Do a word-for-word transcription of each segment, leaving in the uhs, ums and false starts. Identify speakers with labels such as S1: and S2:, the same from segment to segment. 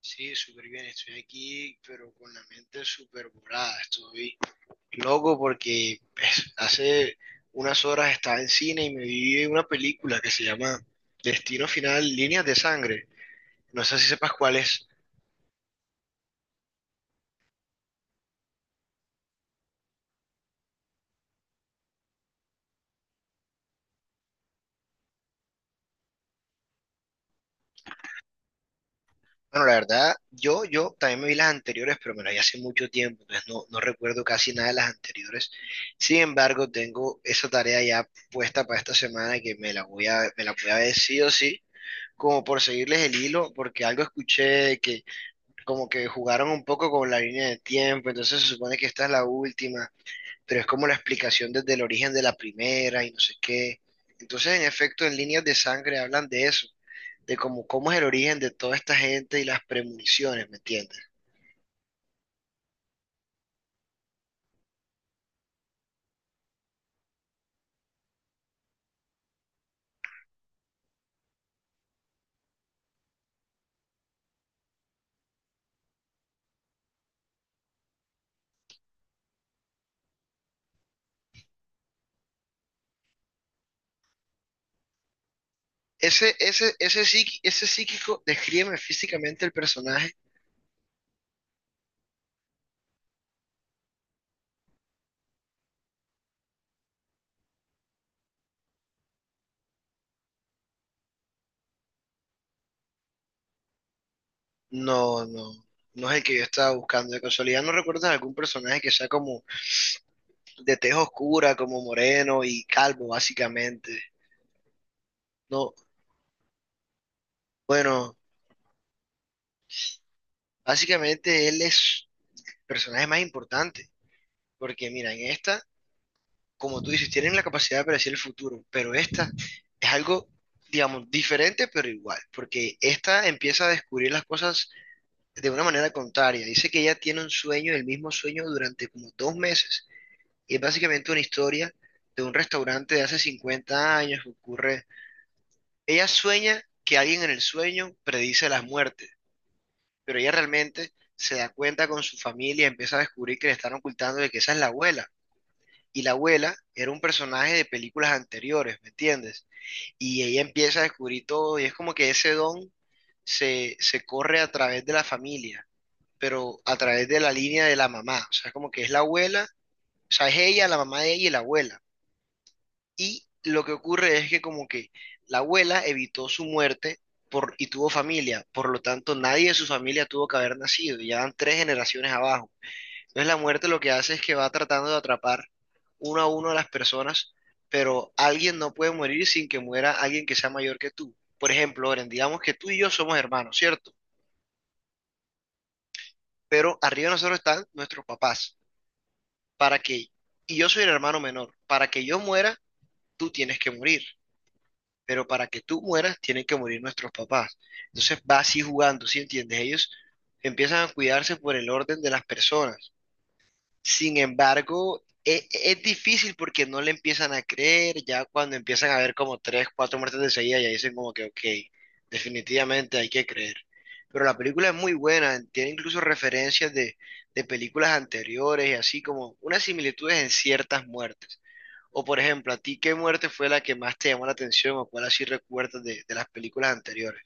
S1: Sí, súper bien, estoy aquí, pero con la mente súper volada. Estoy loco porque pues, hace unas horas estaba en cine y me vi una película que se llama Destino Final, Líneas de Sangre. No sé si sepas cuál es. Bueno, la verdad, yo, yo también me vi las anteriores, pero me las vi hace mucho tiempo, entonces no, no recuerdo casi nada de las anteriores. Sin embargo, tengo esa tarea ya puesta para esta semana que me la voy a, me la voy a ver sí o sí como por seguirles el hilo, porque algo escuché que como que jugaron un poco con la línea de tiempo, entonces se supone que esta es la última, pero es como la explicación desde el origen de la primera y no sé qué. Entonces, en efecto, en líneas de sangre hablan de eso, de cómo, cómo es el origen de toda esta gente y las premoniciones, ¿me entiendes? Ese, ese, ese, psiqui- ese psíquico, descríbeme físicamente el personaje. No, no, no es el que yo estaba buscando. De casualidad, ¿no recuerdas algún personaje que sea como de tez oscura, como moreno y calvo, básicamente? No, bueno. Básicamente él es el personaje más importante, porque mira, en esta, como tú dices, tienen la capacidad de predecir el futuro, pero esta es algo, digamos, diferente pero igual, porque esta empieza a descubrir las cosas de una manera contraria. Dice que ella tiene un sueño, el mismo sueño durante como dos meses, y es básicamente una historia de un restaurante de hace cincuenta años que ocurre. Ella sueña que alguien en el sueño predice las muertes. Pero ella realmente se da cuenta con su familia, empieza a descubrir que le están ocultando de que esa es la abuela. Y la abuela era un personaje de películas anteriores, ¿me entiendes? Y ella empieza a descubrir todo y es como que ese don se, se corre a través de la familia, pero a través de la línea de la mamá. O sea, como que es la abuela, o sea, es ella, la mamá de ella y la abuela. Y lo que ocurre es que como que la abuela evitó su muerte por, y tuvo familia, por lo tanto nadie de su familia tuvo que haber nacido, y ya van tres generaciones abajo. Entonces la muerte lo que hace es que va tratando de atrapar uno a uno a las personas, pero alguien no puede morir sin que muera alguien que sea mayor que tú. Por ejemplo, Oren, digamos que tú y yo somos hermanos, ¿cierto? Pero arriba de nosotros están nuestros papás, para que, y yo soy el hermano menor, para que yo muera, tú tienes que morir. Pero para que tú mueras tienen que morir nuestros papás. Entonces va así jugando, ¿sí entiendes? Ellos empiezan a cuidarse por el orden de las personas. Sin embargo, e- e, es, difícil porque no le empiezan a creer, ya cuando empiezan a ver como tres, cuatro muertes de seguida, ya dicen como que, ok, definitivamente hay que creer. Pero la película es muy buena, tiene incluso referencias de, de películas anteriores y así como unas similitudes en ciertas muertes. O por ejemplo, ¿a ti qué muerte fue la que más te llamó la atención o cuál así recuerdas de, de las películas anteriores?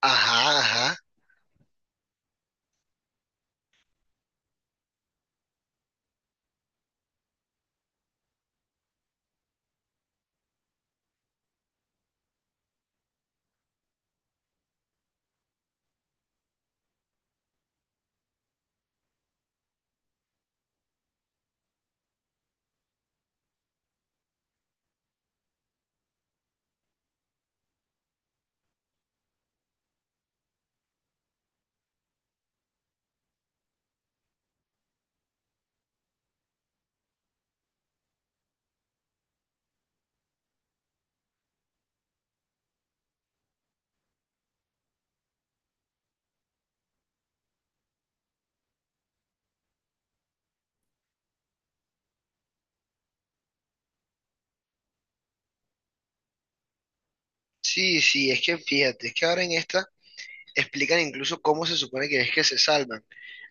S1: Ajá, ajá. Sí, sí, es que fíjate, es que ahora en esta explican incluso cómo se supone que es que se salvan.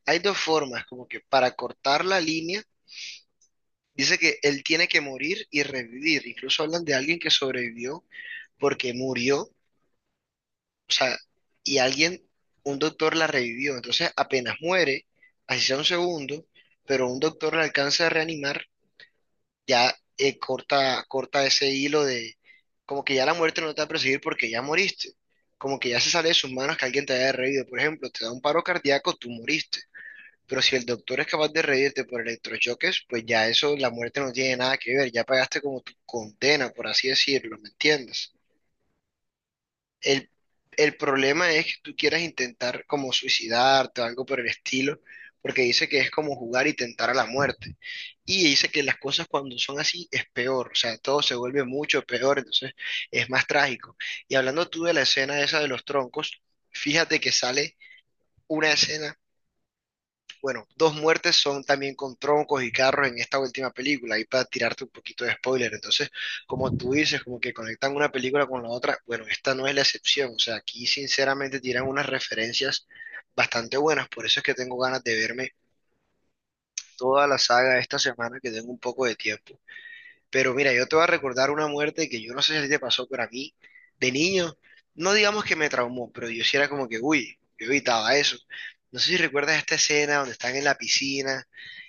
S1: Hay dos formas, como que para cortar la línea, dice que él tiene que morir y revivir. Incluso hablan de alguien que sobrevivió porque murió, o sea, y alguien, un doctor la revivió. Entonces, apenas muere, así sea un segundo, pero un doctor la alcanza a reanimar ya eh, corta, corta ese hilo de como que ya la muerte no te va a perseguir porque ya moriste, como que ya se sale de sus manos que alguien te haya reído, por ejemplo, te da un paro cardíaco, tú moriste, pero si el doctor es capaz de reírte por electrochoques, pues ya eso, la muerte no tiene nada que ver, ya pagaste como tu condena, por así decirlo, ¿me entiendes? El, el problema es que tú quieras intentar como suicidarte o algo por el estilo, porque dice que es como jugar y tentar a la muerte. Y dice que las cosas cuando son así es peor, o sea, todo se vuelve mucho peor, entonces es más trágico. Y hablando tú de la escena esa de los troncos, fíjate que sale una escena bueno, dos muertes son también con troncos y carros en esta última película, ahí para tirarte un poquito de spoiler. Entonces, como tú dices, como que conectan una película con la otra, bueno, esta no es la excepción. O sea, aquí sinceramente tiran unas referencias bastante buenas, por eso es que tengo ganas de verme toda la saga esta semana que tengo un poco de tiempo. Pero mira, yo te voy a recordar una muerte que yo no sé si te pasó, pero a mí, de niño, no digamos que me traumó, pero yo sí era como que, uy, yo evitaba eso. No sé si recuerdas esta escena donde están en la piscina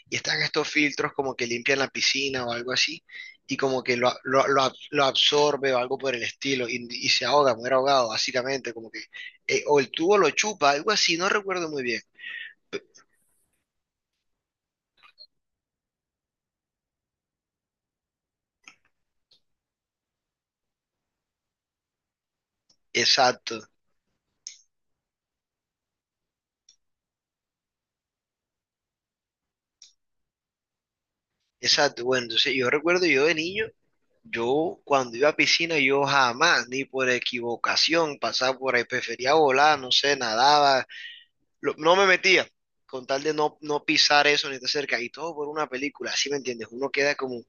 S1: y están estos filtros como que limpian la piscina o algo así, y como que lo, lo- lo ab- lo absorbe o algo por el estilo, y, y se ahoga, muere ahogado, básicamente, como que, eh, o el tubo lo chupa, algo así, no recuerdo muy bien. Exacto, exacto. Bueno, entonces yo recuerdo yo de niño. Yo cuando iba a piscina, yo jamás, ni por equivocación, pasaba por ahí, prefería volar, no sé, nadaba, lo- no me metía, con tal de no, no pisar eso ni estar cerca, y todo por una película, ¿sí me entiendes? Uno queda como,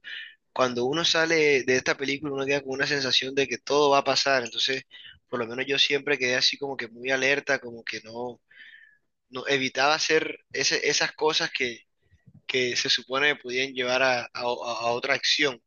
S1: cuando uno sale de esta película, uno queda con una sensación de que todo va a pasar, entonces, por lo menos yo siempre quedé así como que muy alerta, como que no, no evitaba hacer ese- esas cosas que, que se supone que podían llevar a, a a- a otra acción.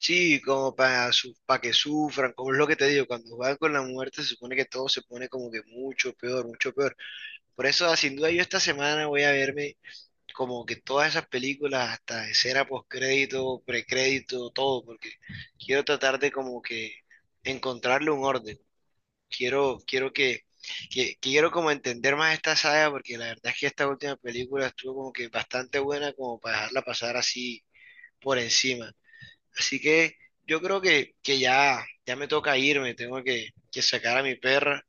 S1: Sí, como para pa que sufran, como es lo que te digo, cuando juegan con la muerte se supone que todo se pone como que mucho peor, mucho peor. Por eso, ah, sin duda, yo esta semana voy a verme como que todas esas películas, hasta escena postcrédito, precrédito, todo, porque quiero tratar de como que encontrarle un orden. Quiero, quiero que, que, quiero como entender más esta saga, porque la verdad es que esta última película estuvo como que bastante buena como para dejarla pasar así por encima. Así que yo creo que, que ya, ya me toca irme, tengo que, que sacar a mi perra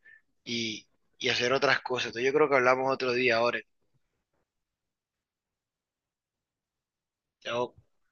S1: y, y hacer otras cosas. Entonces yo creo que hablamos otro día ahora. Chao.